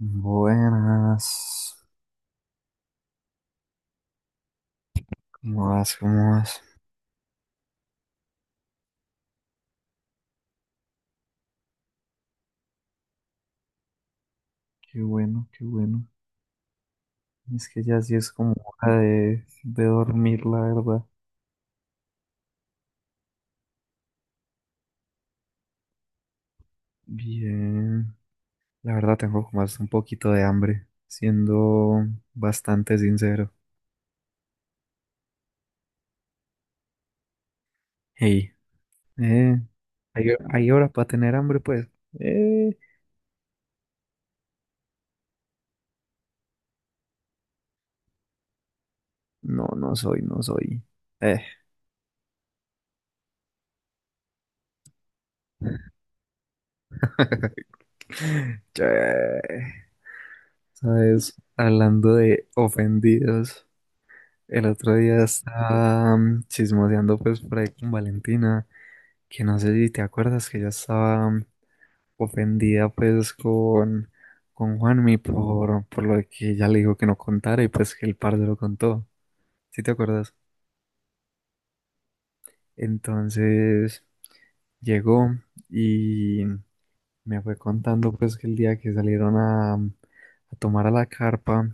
Buenas. ¿Cómo vas? ¿Cómo vas? Qué bueno, qué bueno. Es que ya sí es como hora de dormir, la verdad. Bien. La verdad tengo como hasta un poquito de hambre, siendo bastante sincero. Hey, eh, ¿hay hora para tener hambre, pues? Eh, no, no soy. Eh. Che. ¿Sabes? Hablando de ofendidos. El otro día estaba chismoseando pues por ahí con Valentina, que no sé si te acuerdas que ella estaba ofendida pues con Juanmi por lo de que ella le dijo que no contara y pues que el parce lo contó, ¿sí te acuerdas? Entonces llegó y me fue contando pues que el día que salieron a, a tomar a la carpa,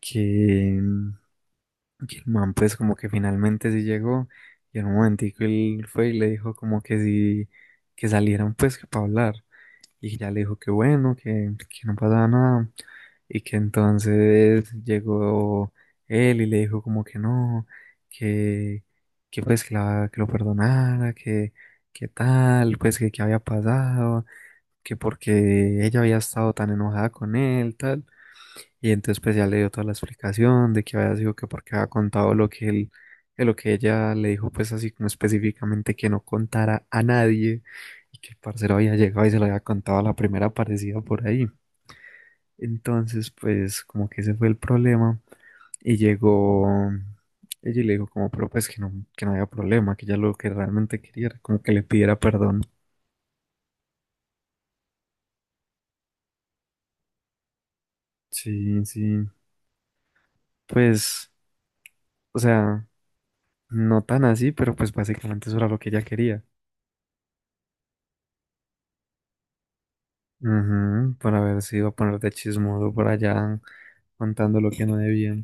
que, mm, y el man pues como que finalmente sí llegó y en un momentico él fue y le dijo como que sí, que salieran pues que para hablar. Y ya le dijo que bueno, que no pasaba nada. Y que entonces llegó él y le dijo como que no, que, que pues que, que lo perdonara, que tal, pues que había pasado, que porque ella había estado tan enojada con él, tal. Y entonces pues ya le dio toda la explicación de que había sido que porque había contado lo que él, que lo que ella le dijo pues así como específicamente que no contara a nadie y que el parcero había llegado y se lo había contado a la primera aparecida por ahí. Entonces pues como que ese fue el problema y llegó ella y le dijo como pero pues que no había problema, que ella lo que realmente quería era como que le pidiera perdón. Sí, sí, pues o sea, no tan así, pero pues básicamente eso era lo que ella quería. Ujú, para ver si iba a ponerte chismoso por allá contando lo que no debía.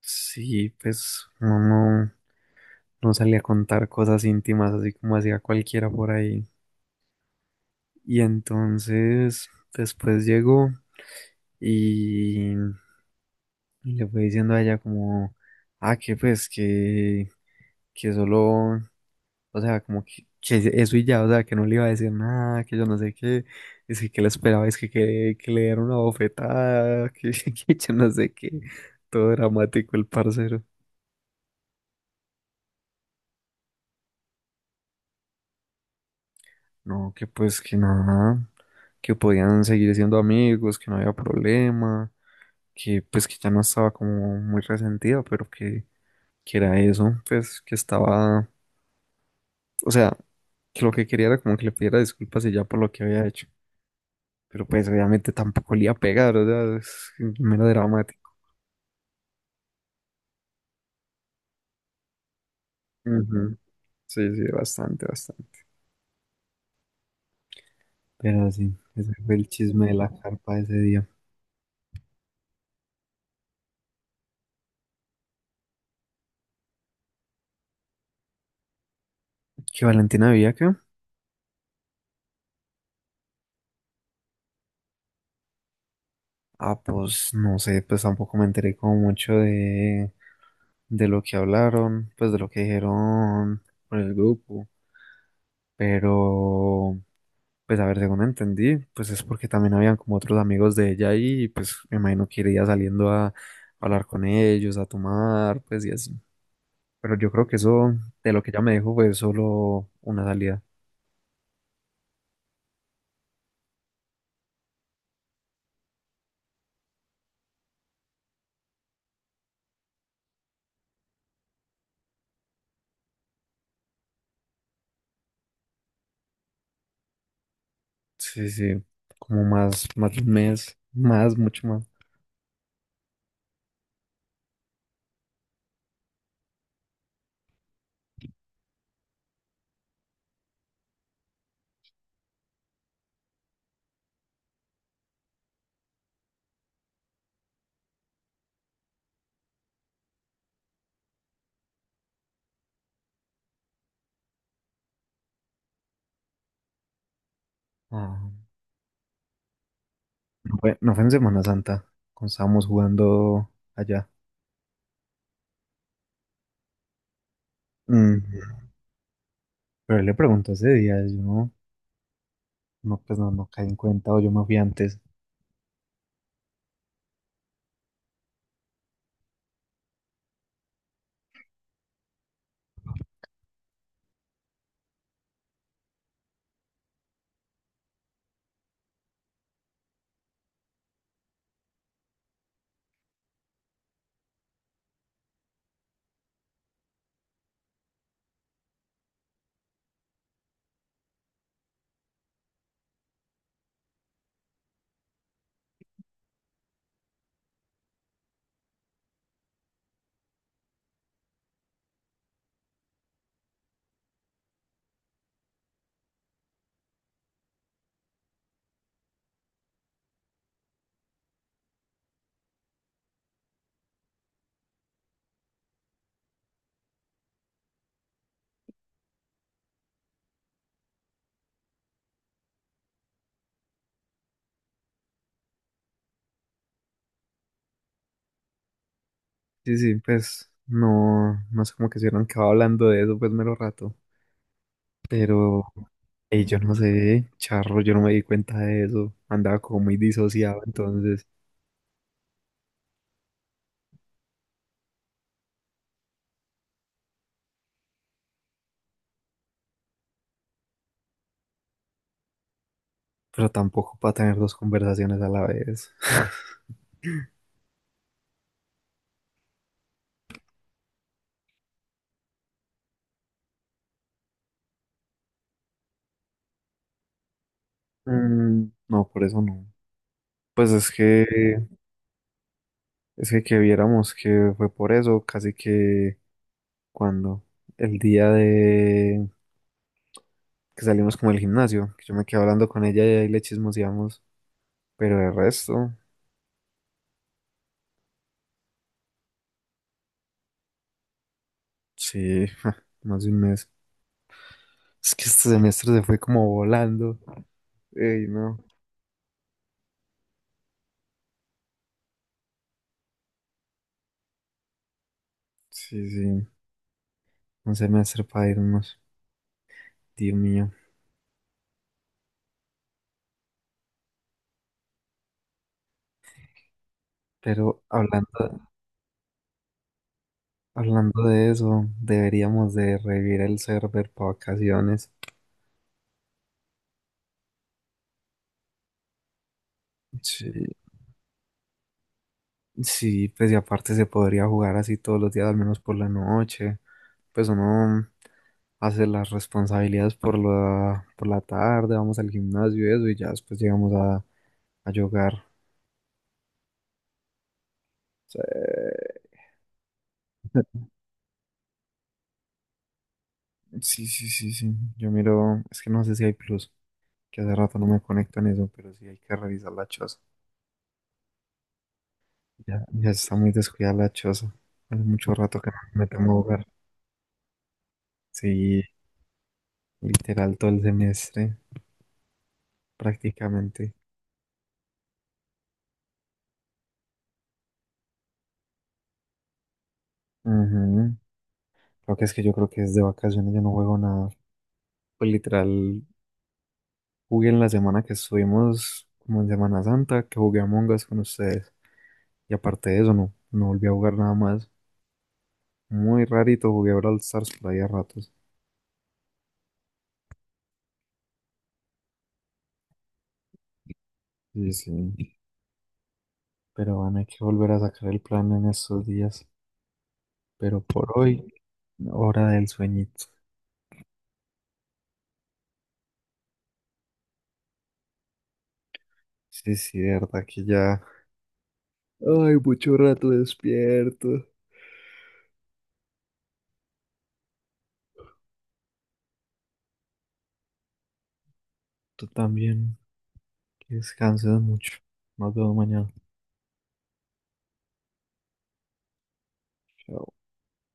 Sí, pues uno no, no salía a contar cosas íntimas así como hacía cualquiera por ahí. Y entonces después llegó y, y le fue diciendo a ella como, ah, que pues que solo. O sea, como que eso y ya, o sea, que no le iba a decir nada, que yo no sé qué, es que le esperaba, es que le dieron una bofetada, que, que yo no sé qué, todo dramático el parcero. No, que pues que nada, que podían seguir siendo amigos, que no había problema, que pues que ya no estaba como muy resentido, pero que era eso, pues que estaba, o sea, que lo que quería era como que le pidiera disculpas y ya por lo que había hecho. Pero pues obviamente tampoco le iba a pegar, o sea, es mero dramático. Ujú. Sí, sí, bastante, bastante. Pero sí, ese fue el chisme de la carpa de ese día. ¿Qué Valentina vivía acá? Ah, pues no sé, pues tampoco me enteré como mucho de lo que hablaron, pues de lo que dijeron por el grupo. Pero, pues a ver, según entendí, pues es porque también habían como otros amigos de ella ahí, y pues me imagino que iría saliendo a hablar con ellos, a tomar, pues y así. Pero yo creo que eso, de lo que ella me dijo, fue solo una salida. Sí, sí, como más, más de un mes, más, mucho más. Ah, no fue en Semana Santa, cuando estábamos jugando allá. Mm, Pero él le preguntó ese día, yo no, no, pues no, no caí en cuenta o yo me fui antes. Sí, sí, pues no, no sé cómo que se hubieran quedado hablando de eso, pues mero rato. Pero ey, yo no sé, charro, yo no me di cuenta de eso, andaba como muy disociado entonces, pero tampoco para tener dos conversaciones a la vez. Mm, no, por eso no. Pues es que viéramos que fue por eso, casi que cuando el día de que salimos como del gimnasio, que yo me quedé hablando con ella y ahí le chismoseamos, pero el resto, sí, más de un mes. Es que este semestre se fue como volando. Ey, no, sí, sí, un semestre para irnos, Dios mío. Pero hablando, hablando de eso, deberíamos de revivir el server para vacaciones. Sí. Sí, pues y aparte se podría jugar así todos los días, al menos por la noche. Pues uno hace las responsabilidades por por la tarde, vamos al gimnasio y eso, y ya después llegamos a jugar. Sí, sí, sí, sí, sí. Yo miro, es que no sé si hay plus, que hace rato no me conecto en eso, pero sí hay que revisar la choza. Ya está muy descuidada la choza. Hace mucho rato que no me tengo a jugar. Sí, literal todo el semestre, prácticamente. Ujú. Creo que es que yo creo que es de vacaciones, yo no juego nada. Pues literal, jugué en la semana que estuvimos, como en Semana Santa, que jugué a Us con ustedes. Y aparte de eso, no, no volví a jugar nada más. Muy rarito jugué a Brawl Stars por ahí a ratos. Sí, sí. Pero van, hay que volver a sacar el plan en estos días. Pero por hoy, hora del sueñito. Sí, sí, de verdad que ya. Ay, mucho rato despierto. Tú también, que descanses mucho. Nos vemos mañana. Chao.